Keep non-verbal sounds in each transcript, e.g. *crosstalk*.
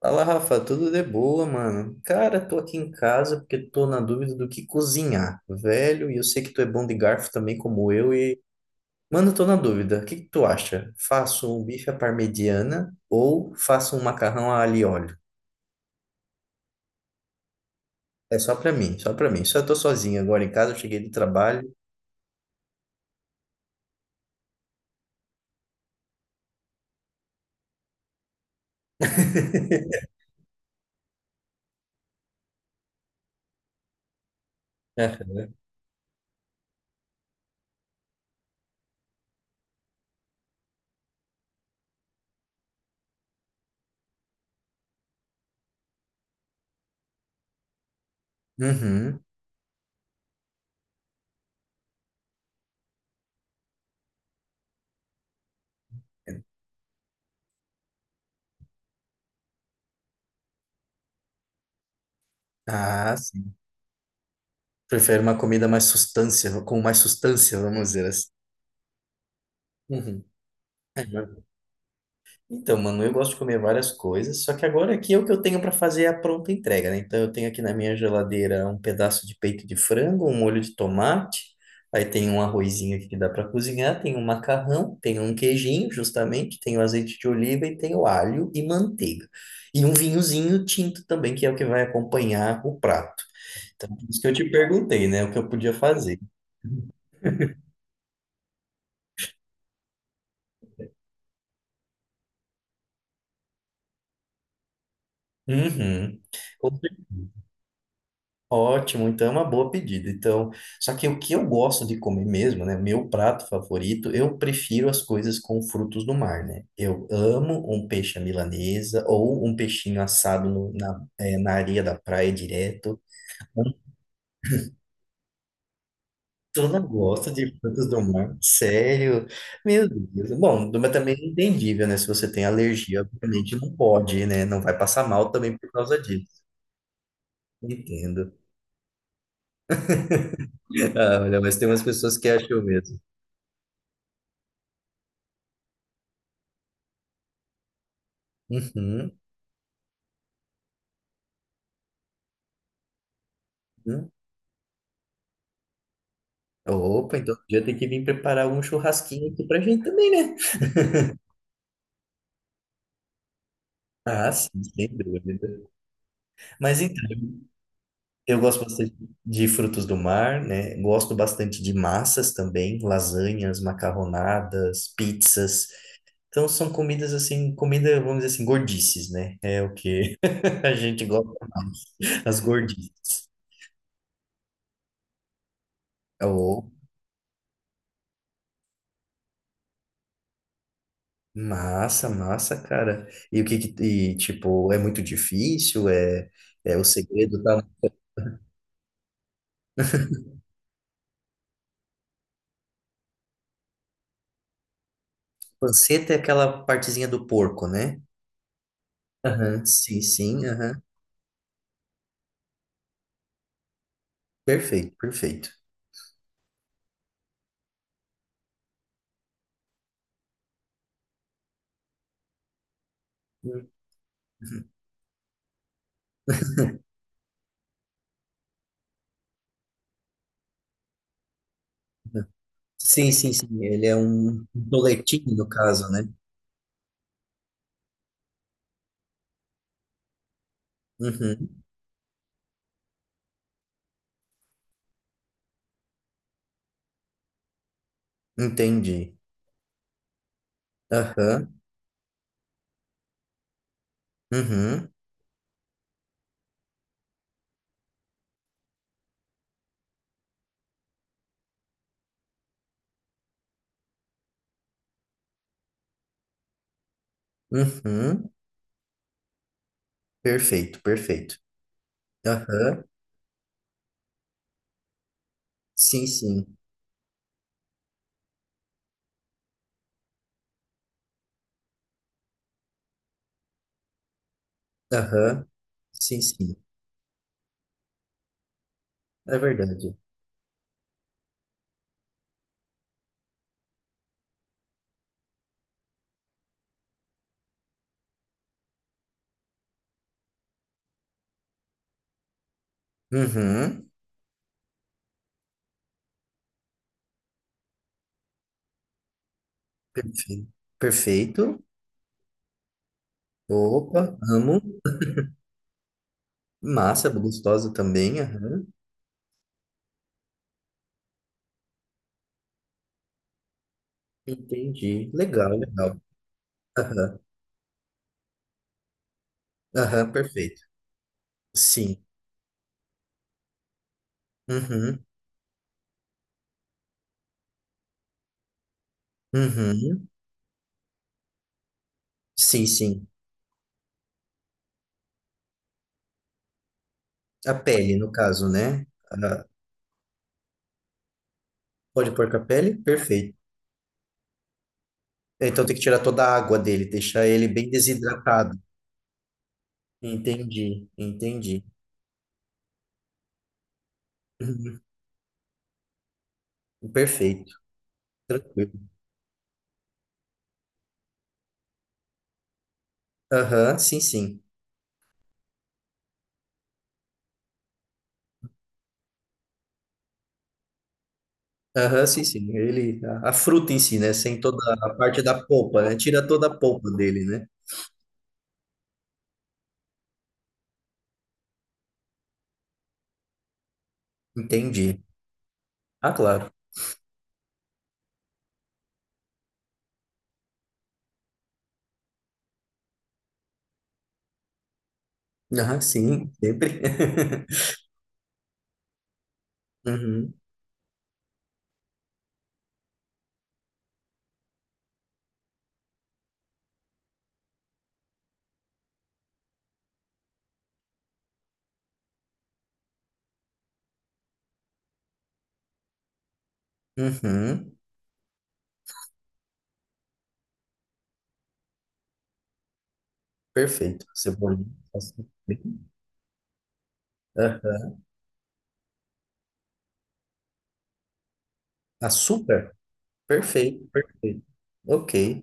Fala, Rafa, tudo de boa, mano? Cara, tô aqui em casa porque tô na dúvida do que cozinhar, velho, e eu sei que tu é bom de garfo também como eu e, mano, tô na dúvida. O que que tu acha? Faço um bife à parmegiana ou faço um macarrão a alho e óleo? É só pra mim, só pra mim. Só tô sozinho agora em casa, eu cheguei do trabalho. *laughs* Aham. Uhum. Ah, sim. Prefiro uma comida mais substância, com mais substância, vamos dizer assim. Uhum. Então, mano, eu gosto de comer várias coisas, só que agora aqui é o que eu tenho para fazer é a pronta entrega, né? Então, eu tenho aqui na minha geladeira um pedaço de peito de frango, um molho de tomate, aí tem um arrozinho aqui que dá para cozinhar, tem um macarrão, tem um queijinho, justamente, tem o azeite de oliva e tem o alho e manteiga. E um vinhozinho tinto também, que é o que vai acompanhar o prato. Então, por isso que eu te perguntei, né? O que eu podia fazer. Uhum. Ótimo, então é uma boa pedida. Então, só que o que eu gosto de comer mesmo, né? Meu prato favorito, eu prefiro as coisas com frutos do mar, né? Eu amo um peixe à milanesa ou um peixinho assado na areia da praia direto. Eu não gosto de frutos do mar, sério. Meu Deus. Bom, mas também é entendível, né? Se você tem alergia, obviamente não pode, né? Não vai passar mal também por causa disso. Entendo. *laughs* Ah, olha, mas tem umas pessoas que acham mesmo. Uhum. Uhum. Opa, então já tem que vir preparar um churrasquinho aqui pra gente também, né? Ah, sim, sem dúvida. Mas então, eu gosto bastante de frutos do mar, né? Gosto bastante de massas também, lasanhas, macarronadas, pizzas. Então são comidas assim, comida, vamos dizer assim, gordices, né? É o que *laughs* a gente gosta mais, as gordices. Oh, massa, massa, cara. E o que que, é muito difícil? É, é o segredo, tá? Panceta é aquela partezinha do porco, né? Aham, sim, sim, aham. Perfeito, perfeito. Uhum. Sim, sim, sim. Ele é um boletim, no caso, né? Uhum. Entendi. Aham, uhum. Uhum. Perfeito, perfeito. Aham, sim, sim. Aham, sim, sim. É verdade. Uhum. Perfeito. Perfeito. Opa, amo. Massa, gostosa também. Aham. Entendi. Legal, legal. Aham. Aham, perfeito. Sim. Uhum, uhum. Sim, sim. A pele, no caso, né? Ah, pode pôr com a pele? Perfeito. Então tem que tirar toda a água dele, deixar ele bem desidratado. Entendi, entendi. Uhum, perfeito, tranquilo. Aham, sim, sim. Aham, sim, sim. Ele, a fruta em si, né? Sem toda a parte da polpa, né? Tira toda a polpa dele, né? Entendi. Ah, claro. Aham, sim, sempre. *laughs* Uhum, uhum. Perfeito. Cebolinha, açúcar. Aham. Açúcar? Perfeito, perfeito. Ok.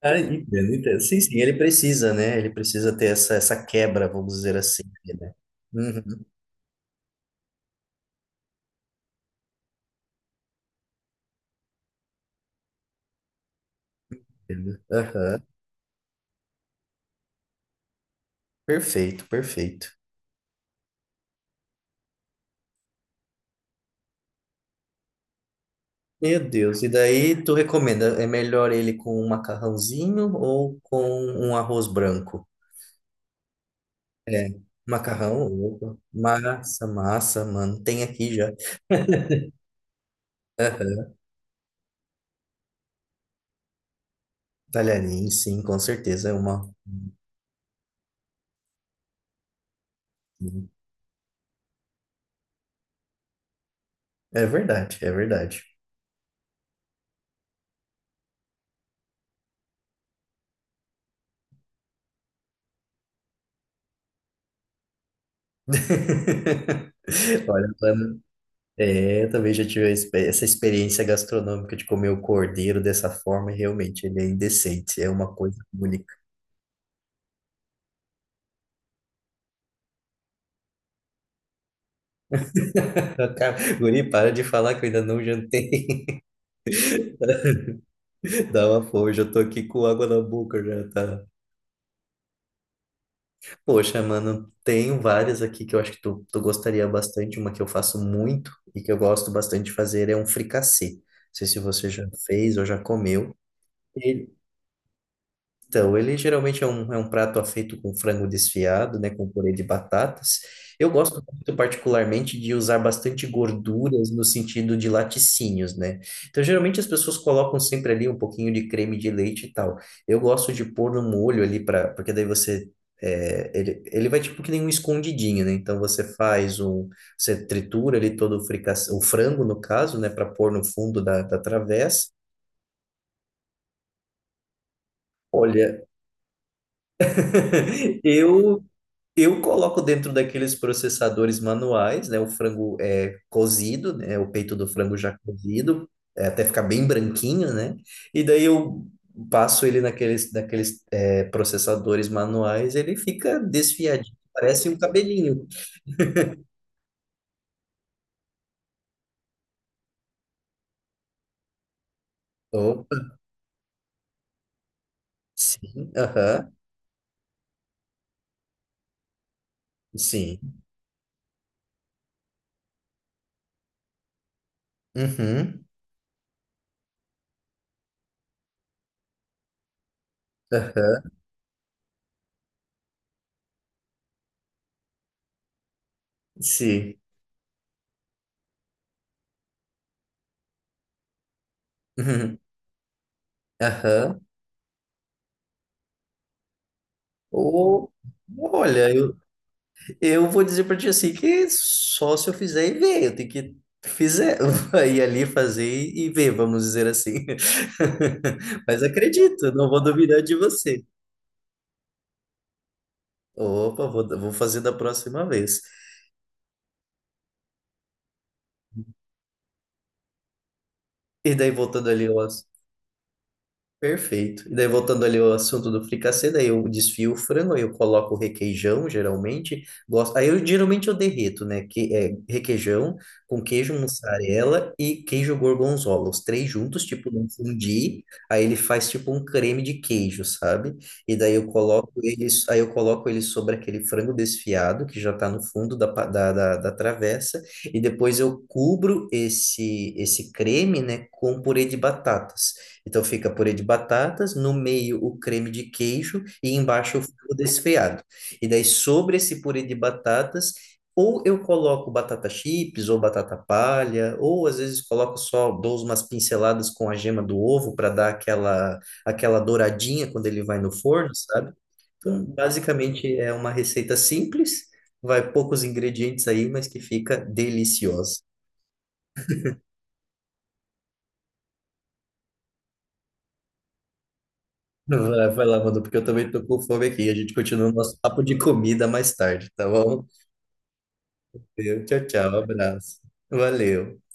Ah, entendo, entendo. Sim, sim, ele precisa, né? Ele precisa ter essa quebra, vamos dizer assim, né? Uhum, entendo. Aham. Perfeito, perfeito. Meu Deus, e daí tu recomenda, é melhor ele com um macarrãozinho ou com um arroz branco? É, macarrão, opa, massa, massa, mano, tem aqui já. Aham. Talharim, sim, com certeza é uma. É verdade, é verdade. *laughs* Olha, mano, é, eu também já tive essa experiência gastronômica de comer o cordeiro dessa forma e realmente ele é indecente, é uma coisa única. *laughs* Cara, Guri, para de falar que eu ainda não jantei. *laughs* Dá uma fome, já tô aqui com água na boca, já tá. Poxa, mano, tenho várias aqui que eu acho que tu gostaria bastante. Uma que eu faço muito e que eu gosto bastante de fazer é um fricassê. Não sei se você já fez ou já comeu. Ele- Então, ele geralmente é é um prato feito com frango desfiado, né, com purê de batatas. Eu gosto muito particularmente de usar bastante gorduras no sentido de laticínios, né? Então, geralmente as pessoas colocam sempre ali um pouquinho de creme de leite e tal. Eu gosto de pôr no molho ali para, porque daí ele, ele vai tipo que nem um escondidinho, né? Então você você tritura ali todo o fricassê, o frango no caso, né, para pôr no fundo da travessa. Olha, *laughs* eu Eu coloco dentro daqueles processadores manuais, né? O frango é cozido, né? O peito do frango já cozido, é, até ficar bem branquinho, né? E daí eu passo ele naqueles, naqueles é, processadores manuais, ele fica desfiadinho, parece um cabelinho. Opa, sim, aham, sim, uhum, aham, sim, uhum, aham. Ô, olha, eu vou dizer para ti assim que só se eu fizer e ver, eu fizer, *laughs* ir ali fazer e ver, vamos dizer assim. *laughs* Mas acredito, não vou duvidar de você. Opa, vou, vou fazer da próxima vez. E daí voltando ali ao Perfeito. E daí, voltando ali ao assunto do fricassê, daí eu desfio o frango, aí eu coloco o requeijão, geralmente. Gosto... Aí eu geralmente eu derreto, né? Que é requeijão com queijo mussarela e queijo gorgonzola. Os três juntos, tipo, não fundir. Aí ele faz tipo um creme de queijo, sabe? E daí eu coloco eles, aí eu coloco ele sobre aquele frango desfiado que já tá no fundo da, pa- da, da, da travessa. E depois eu cubro esse creme, né, com purê de batata. Então fica purê de batatas, no meio o creme de queijo e embaixo o frango desfiado. E daí sobre esse purê de batatas, ou eu coloco batata chips ou batata palha, ou às vezes coloco só, dou umas pinceladas com a gema do ovo para dar aquela douradinha quando ele vai no forno, sabe? Então, basicamente é uma receita simples, vai poucos ingredientes aí, mas que fica deliciosa. Vai, vai lá, mano, porque eu também tô com fome aqui. A gente continua o nosso papo de comida mais tarde, tá bom? Tchau, tchau, abraço. Valeu.